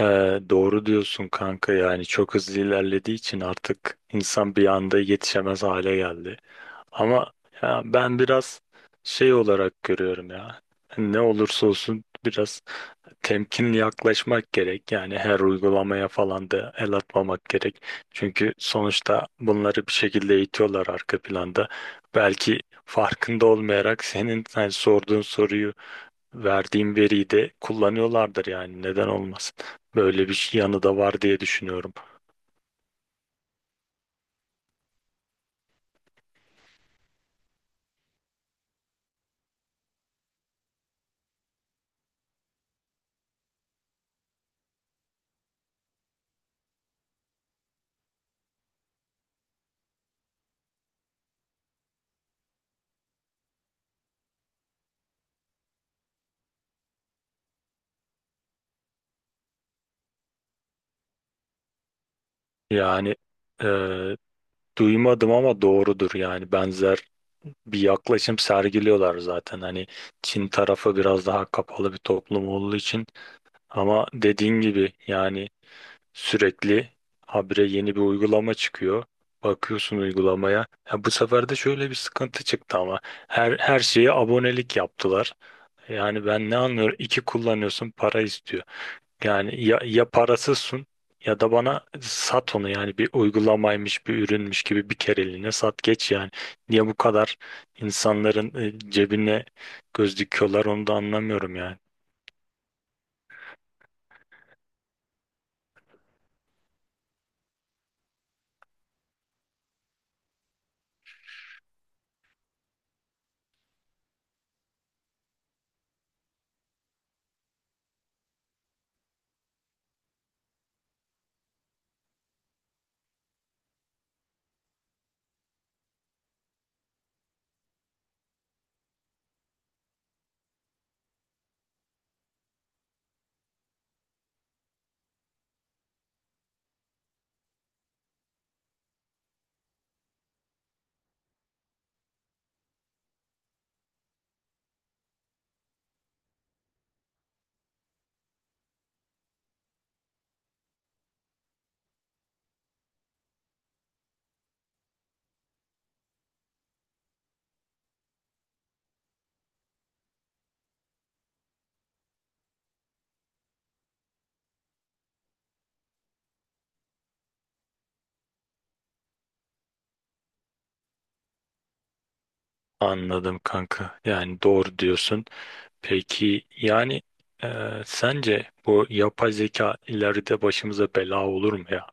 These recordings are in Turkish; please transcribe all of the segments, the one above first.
Doğru diyorsun kanka, yani çok hızlı ilerlediği için artık insan bir anda yetişemez hale geldi. Ama ya, ben biraz şey olarak görüyorum ya, ne olursa olsun biraz temkinli yaklaşmak gerek. Yani her uygulamaya falan da el atmamak gerek. Çünkü sonuçta bunları bir şekilde eğitiyorlar arka planda. Belki farkında olmayarak senin hani sorduğun soruyu, verdiğim veriyi de kullanıyorlardır, yani neden olmasın. Böyle bir şey yanı da var diye düşünüyorum. Yani e, duymadım ama doğrudur, yani benzer bir yaklaşım sergiliyorlar zaten. Hani Çin tarafı biraz daha kapalı bir toplum olduğu için, ama dediğin gibi yani sürekli habire yeni bir uygulama çıkıyor. Bakıyorsun uygulamaya. Ya bu sefer de şöyle bir sıkıntı çıktı, ama her şeye abonelik yaptılar. Yani ben ne anlıyorum? İki kullanıyorsun, para istiyor. Yani ya, ya parasızsın, ya da bana sat onu, yani bir uygulamaymış bir ürünmüş gibi bir kereliğine sat geç yani. Niye bu kadar insanların cebine göz dikiyorlar onu da anlamıyorum yani. Anladım kanka. Yani doğru diyorsun. Peki yani, e, sence bu yapay zeka ileride başımıza bela olur mu ya?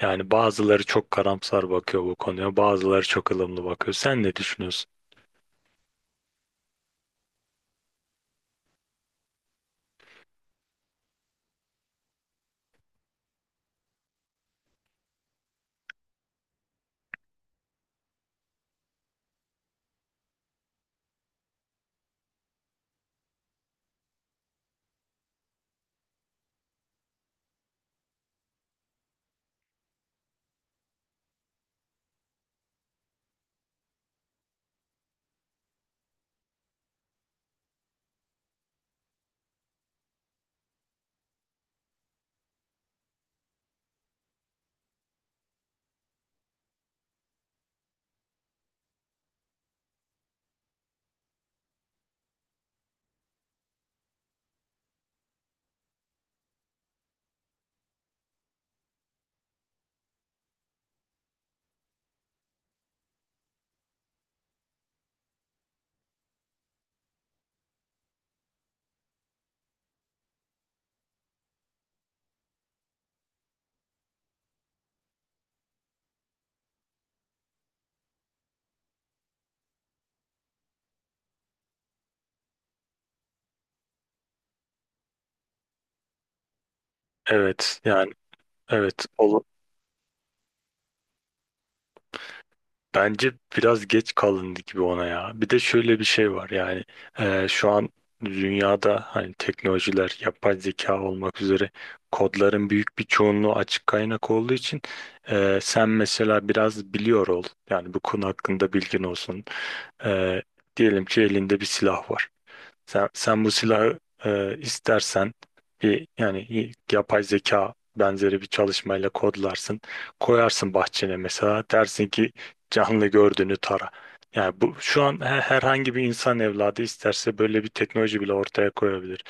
Yani bazıları çok karamsar bakıyor bu konuya, bazıları çok ılımlı bakıyor. Sen ne düşünüyorsun? Evet, yani evet, bence biraz geç kalındı gibi ona ya. Bir de şöyle bir şey var yani, şu an dünyada hani teknolojiler, yapay zeka olmak üzere kodların büyük bir çoğunluğu açık kaynak olduğu için, sen mesela biraz biliyor ol. Yani bu konu hakkında bilgin olsun. E, Diyelim ki elinde bir silah var. Sen bu silahı, istersen bir, yani yapay zeka benzeri bir çalışmayla kodlarsın. Koyarsın bahçene, mesela dersin ki canlı gördüğünü tara. Yani bu şu an, herhangi bir insan evladı isterse böyle bir teknoloji bile ortaya koyabilir.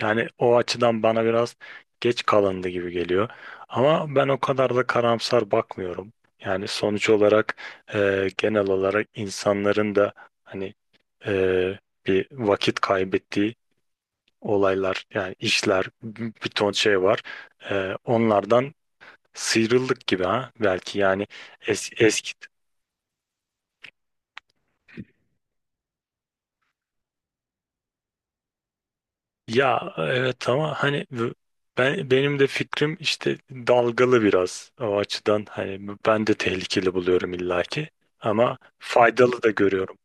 Yani o açıdan bana biraz geç kalındı gibi geliyor. Ama ben o kadar da karamsar bakmıyorum. Yani sonuç olarak genel olarak insanların da hani, e, bir vakit kaybettiği olaylar, yani işler, bir ton şey var. Onlardan sıyrıldık gibi ha, belki yani eski, ya evet, ama hani ben, benim de fikrim işte dalgalı biraz o açıdan, hani ben de tehlikeli buluyorum illaki, ama faydalı da görüyorum.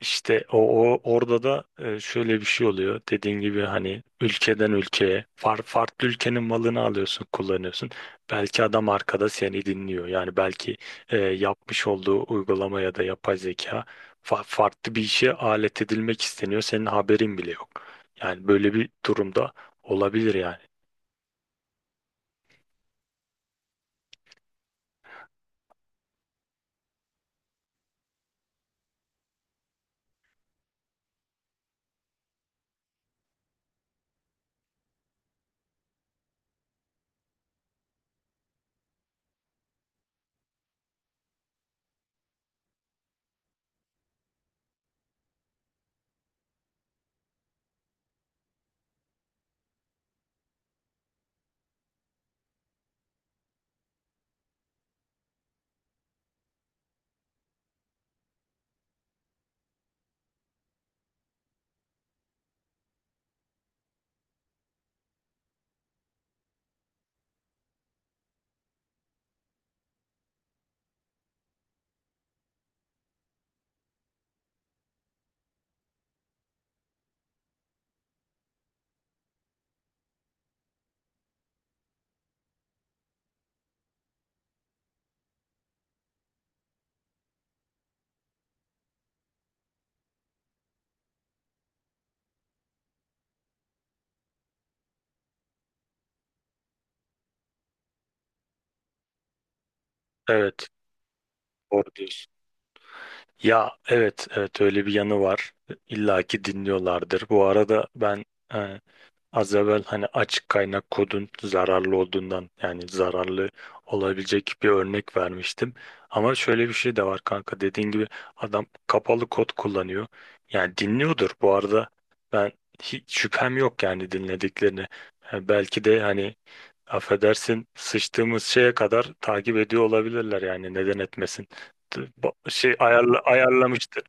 İşte o orada da şöyle bir şey oluyor. Dediğin gibi hani ülkeden ülkeye, farklı ülkenin malını alıyorsun, kullanıyorsun. Belki adam arkada seni dinliyor. Yani belki yapmış olduğu uygulama ya da yapay zeka farklı bir işe alet edilmek isteniyor. Senin haberin bile yok. Yani böyle bir durumda olabilir yani. Evet, doğru diyorsun. Ya evet, evet, öyle bir yanı var. İlla ki dinliyorlardır. Bu arada ben, e, az evvel hani açık kaynak kodun zararlı olduğundan, yani zararlı olabilecek bir örnek vermiştim. Ama şöyle bir şey de var kanka, dediğin gibi adam kapalı kod kullanıyor. Yani dinliyordur, bu arada ben hiç şüphem yok yani dinlediklerini. Yani belki de hani, affedersin, sıçtığımız şeye kadar takip ediyor olabilirler, yani neden etmesin. Bu şey ayarla, ayarlamıştır.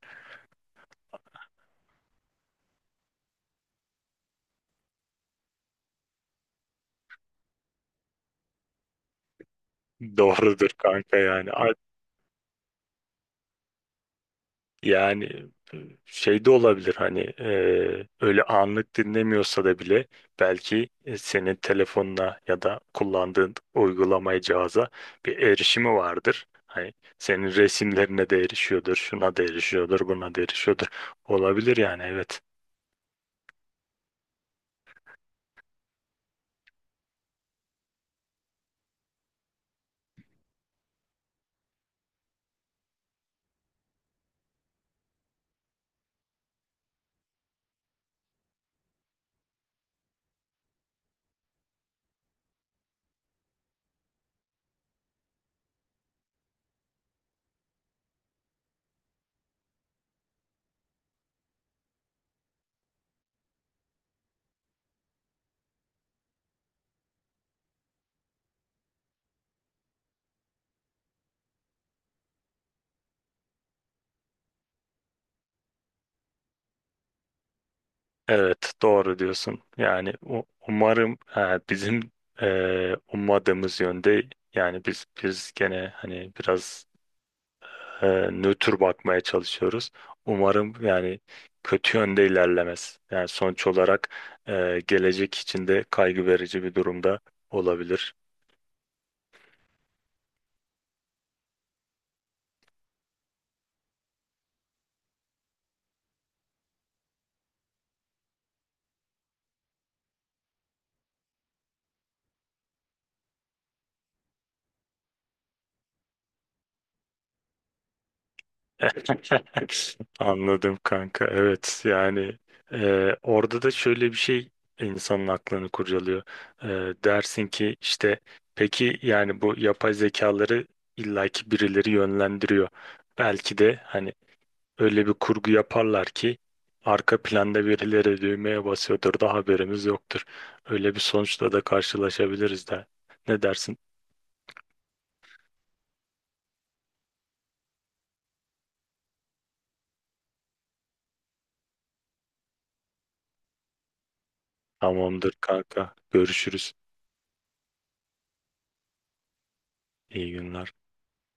Doğrudur kanka yani. Yani e, şey de olabilir hani, öyle anlık dinlemiyorsa da bile, belki senin telefonuna ya da kullandığın uygulamaya, cihaza bir erişimi vardır. Hani senin resimlerine de erişiyordur, şuna da erişiyordur, buna da erişiyordur. Olabilir yani, evet. Evet, doğru diyorsun. Yani umarım bizim ummadığımız yönde, yani biz gene hani biraz nötr bakmaya çalışıyoruz. Umarım yani kötü yönde ilerlemez. Yani sonuç olarak gelecek için de kaygı verici bir durumda olabilir. Anladım kanka. Evet yani orada da şöyle bir şey insanın aklını kurcalıyor. E, Dersin ki, işte peki yani bu yapay zekaları illaki birileri yönlendiriyor. Belki de hani öyle bir kurgu yaparlar ki arka planda birileri düğmeye basıyordur da haberimiz yoktur. Öyle bir sonuçla da karşılaşabiliriz de. Ne dersin? Tamamdır kanka. Görüşürüz. İyi günler.